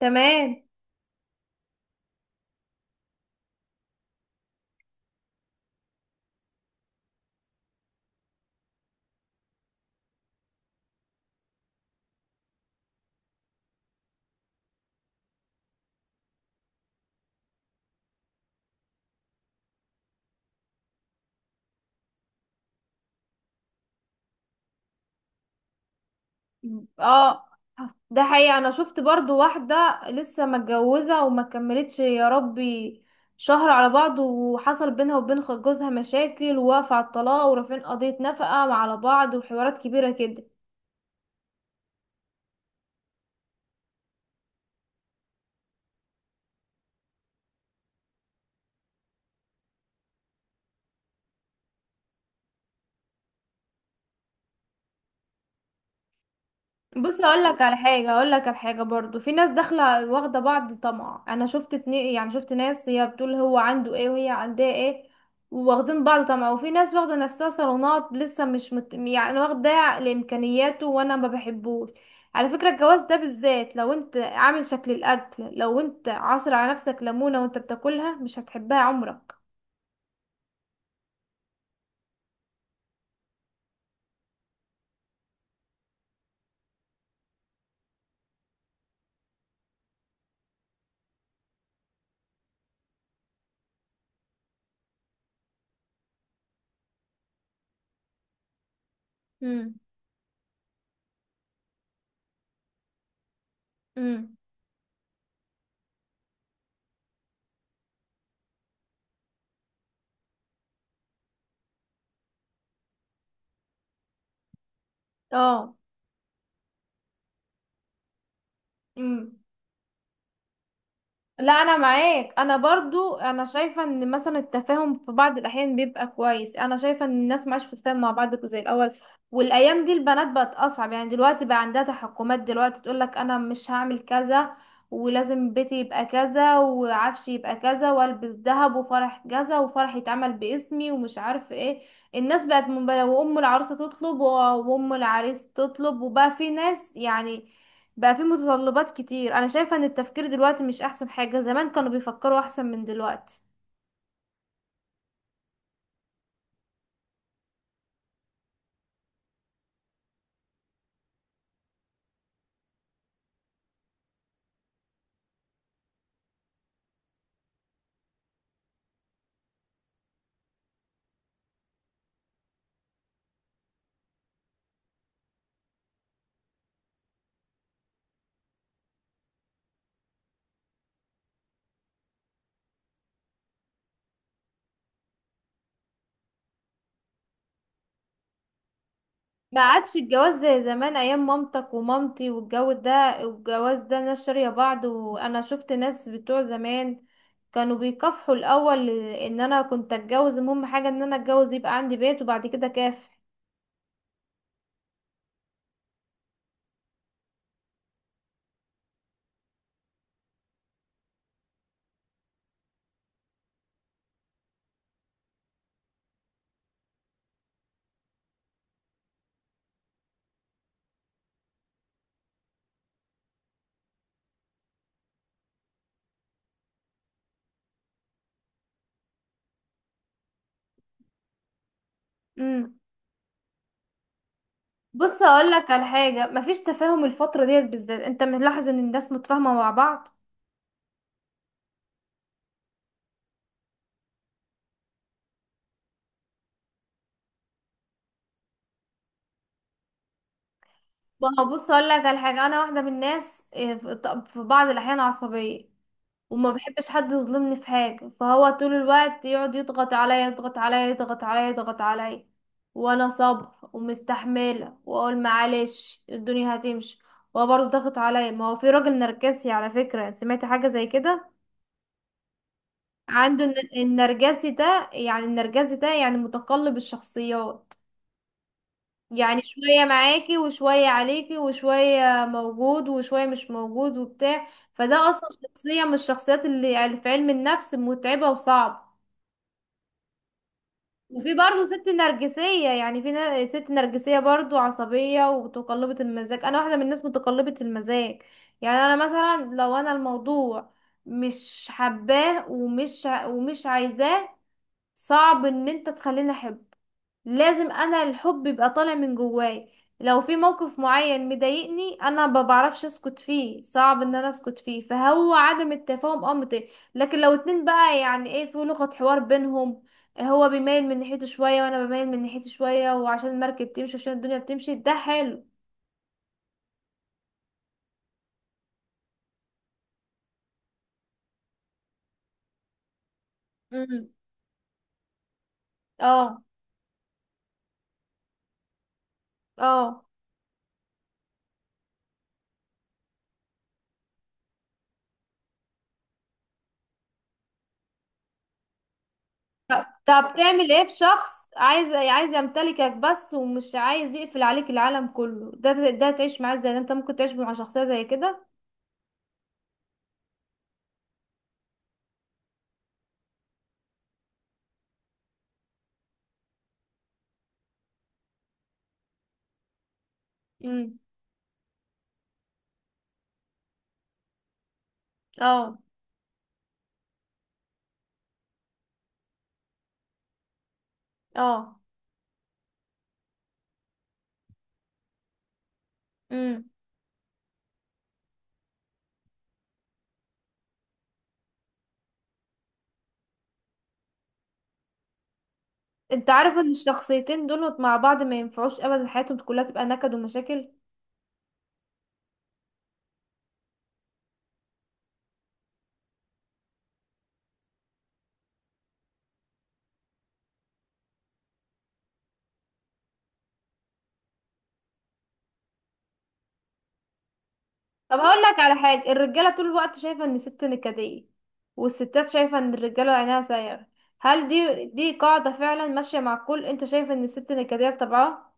تمام. اه، ده حقيقة انا شفت برضو واحدة لسه متجوزة وما كملتش يا ربي شهر على بعض، وحصل بينها وبين جوزها مشاكل، ووقف على الطلاق ورافعين قضية نفقة على بعض وحوارات كبيرة كده. بص اقول لك على حاجه، برضو في ناس داخله واخده بعض طمع. انا شفت اتنين، يعني شفت ناس هي بتقول هو عنده ايه وهي عندها ايه، واخدين بعض طمع. وفي ناس واخده نفسها صالونات لسه مش مت... يعني واخده لامكانياته وانا ما بحبوش. على فكره الجواز ده بالذات لو انت عامل شكل الاكل، لو انت عاصر على نفسك ليمونه وانت بتاكلها مش هتحبها عمرك. امم، امم. اه. مم. لا انا معاك، انا برضو انا شايفه ان مثلا التفاهم في بعض الاحيان بيبقى كويس. انا شايفه ان الناس ما عادش بتتفاهم مع بعض زي الاول. والايام دي البنات بقت اصعب، يعني دلوقتي بقى عندها تحكمات. دلوقتي تقول لك انا مش هعمل كذا، ولازم بيتي يبقى كذا وعفشي يبقى كذا والبس ذهب وفرح كذا وفرح يتعمل باسمي ومش عارف ايه. الناس بقت وام العروسه تطلب وام العريس تطلب، وبقى في ناس يعني بقى في متطلبات كتير. انا شايفة ان التفكير دلوقتي مش احسن حاجة، زمان كانوا بيفكروا احسن من دلوقتي. ما عادش الجواز زي زمان ايام مامتك ومامتي والجو ده، والجواز ده ناس شارية بعض. وانا شفت ناس بتوع زمان كانوا بيكافحوا الاول ان انا كنت اتجوز، المهم حاجة ان انا اتجوز يبقى عندي بيت وبعد كده كافح. امم. بص اقول لك على حاجة، مفيش تفاهم الفترة ديت بالذات، انت ملاحظ ان الناس متفاهمة مع بعض؟ ما هو بص اقول لك على حاجه، انا واحده من الناس إيه، في بعض الاحيان عصبيه وما بحبش حد يظلمني في حاجه. فهو طول الوقت يقعد يضغط عليا، يضغط عليا، يضغط عليا، يضغط عليا، وانا صبر ومستحمله واقول معلش الدنيا هتمشي، وهو برضه ضغط عليا. ما هو في راجل نرجسي، على فكره سمعت حاجه زي كده. عنده النرجسي ده يعني، متقلب الشخصيات. يعني شوية معاكي وشوية عليكي وشوية موجود وشوية مش موجود وبتاع. فده أصلا شخصية من الشخصيات اللي يعني في علم النفس متعبة وصعب. وفي برضه ست نرجسية، يعني ست نرجسية برضه عصبية ومتقلبة المزاج. أنا واحدة من الناس متقلبة المزاج. يعني أنا مثلا لو أنا الموضوع مش حباه ومش عايزاه، صعب ان انت تخليني احبه. لازم انا الحب يبقى طالع من جواي. لو في موقف معين مضايقني انا ما بعرفش اسكت فيه، صعب ان انا اسكت فيه. فهو عدم التفاهم امر طبيعي. لكن لو اتنين بقى يعني ايه في لغة حوار بينهم، هو بيميل من ناحيته شوية وانا بميل من ناحيته شوية، وعشان المركب تمشي، عشان الدنيا بتمشي ده حلو. امم. اه. اه. طب تعمل ايه في شخص عايز يمتلكك بس ومش عايز يقفل عليك العالم كله؟ ده تعيش معاه ازاي؟ ده انت ممكن تعيش مع شخصية زي كده؟ مم. اه. اه. امم. انت عارف ان الشخصيتين دول مع بعض ما ينفعوش ابدا، حياتهم كلها تبقى نكد ومشاكل. طب هقول لك على حاجه، الرجاله طول الوقت شايفه ان الست نكديه، والستات شايفه ان الرجاله عينها سايره. هل دي قاعده فعلا ماشيه مع الكل؟ انت شايف ان الست نكديه بطبعها؟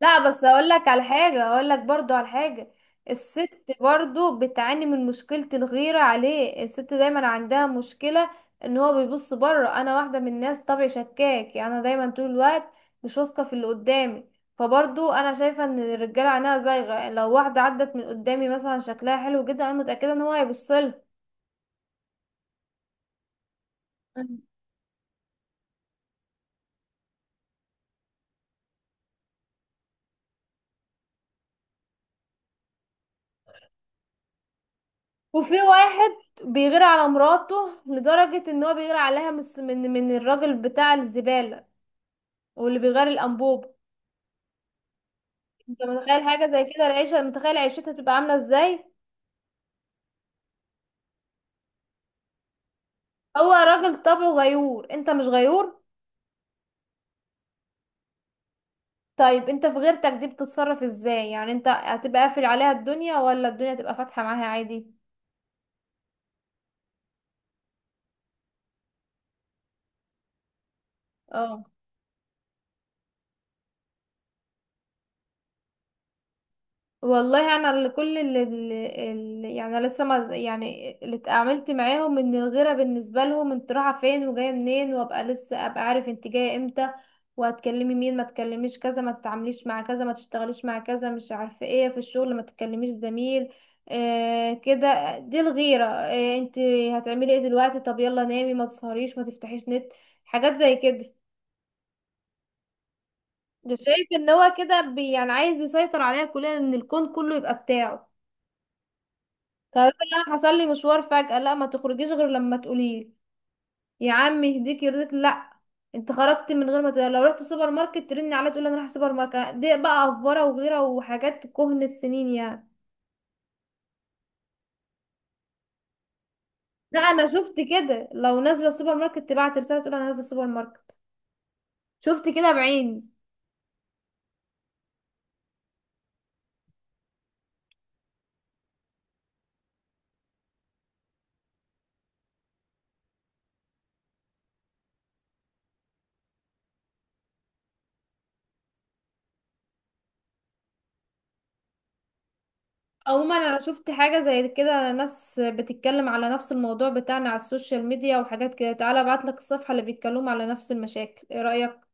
لا بس اقول لك على حاجة، الست برضو بتعاني من مشكلة الغيرة عليه. الست دايما عندها مشكلة ان هو بيبص بره. انا واحدة من الناس طبعي شكاك، يعني انا دايما طول الوقت مش واثقة في اللي قدامي. فبرضو انا شايفة ان الرجالة عينها زايغة. لو واحدة عدت من قدامي مثلا شكلها حلو جدا، انا متأكدة ان هو هيبصلها. مم. وفي واحد بيغير على مراته لدرجة ان هو بيغير عليها من الراجل بتاع الزبالة واللي بيغير الانبوب. انت متخيل حاجة زي كده؟ العيشة متخيل عيشتها تبقى عاملة ازاي؟ هو راجل طبعه غيور. انت مش غيور؟ طيب انت في غيرتك دي بتتصرف ازاي؟ يعني انت هتبقى قافل عليها الدنيا ولا الدنيا تبقى فاتحة معاها عادي؟ اه. والله انا اللي كل اللي, اللي يعني أنا لسه ما يعني اللي اتعاملت معاهم ان الغيره بالنسبه لهم انت رايحه فين وجايه منين، وابقى لسه ابقى عارف انت جايه امتى وهتكلمي مين، ما تكلميش كذا، ما تتعامليش مع كذا، ما تشتغليش مع كذا، مش عارفه ايه في الشغل، ما تكلميش زميل. آه كده دي الغيره. آه انت هتعملي ايه دلوقتي؟ طب يلا نامي، ما تسهريش، ما تفتحيش نت. حاجات زي كده. ده شايف ان هو كده يعني عايز يسيطر عليها كلها، ان الكون كله يبقى بتاعه. طب افرض انا حصل لي مشوار فجأة، لا ما تخرجيش غير لما تقولي، يا عم يهديك يرضيك. لا انت خرجت من غير ما تقولي. لو رحت سوبر ماركت ترني عليا تقولي انا رايحه سوبر ماركت. دي بقى افبره وغيره وحاجات كهن السنين يعني. لا انا شفت كده، لو نازله السوبر ماركت تبعت رساله تقول انا نازله السوبر ماركت. شفت كده بعيني. عموما انا شفت حاجه زي كده ناس بتتكلم على نفس الموضوع بتاعنا على السوشيال ميديا وحاجات كده. تعالى ابعتلك الصفحه اللي بيتكلموا على نفس المشاكل، ايه رايك؟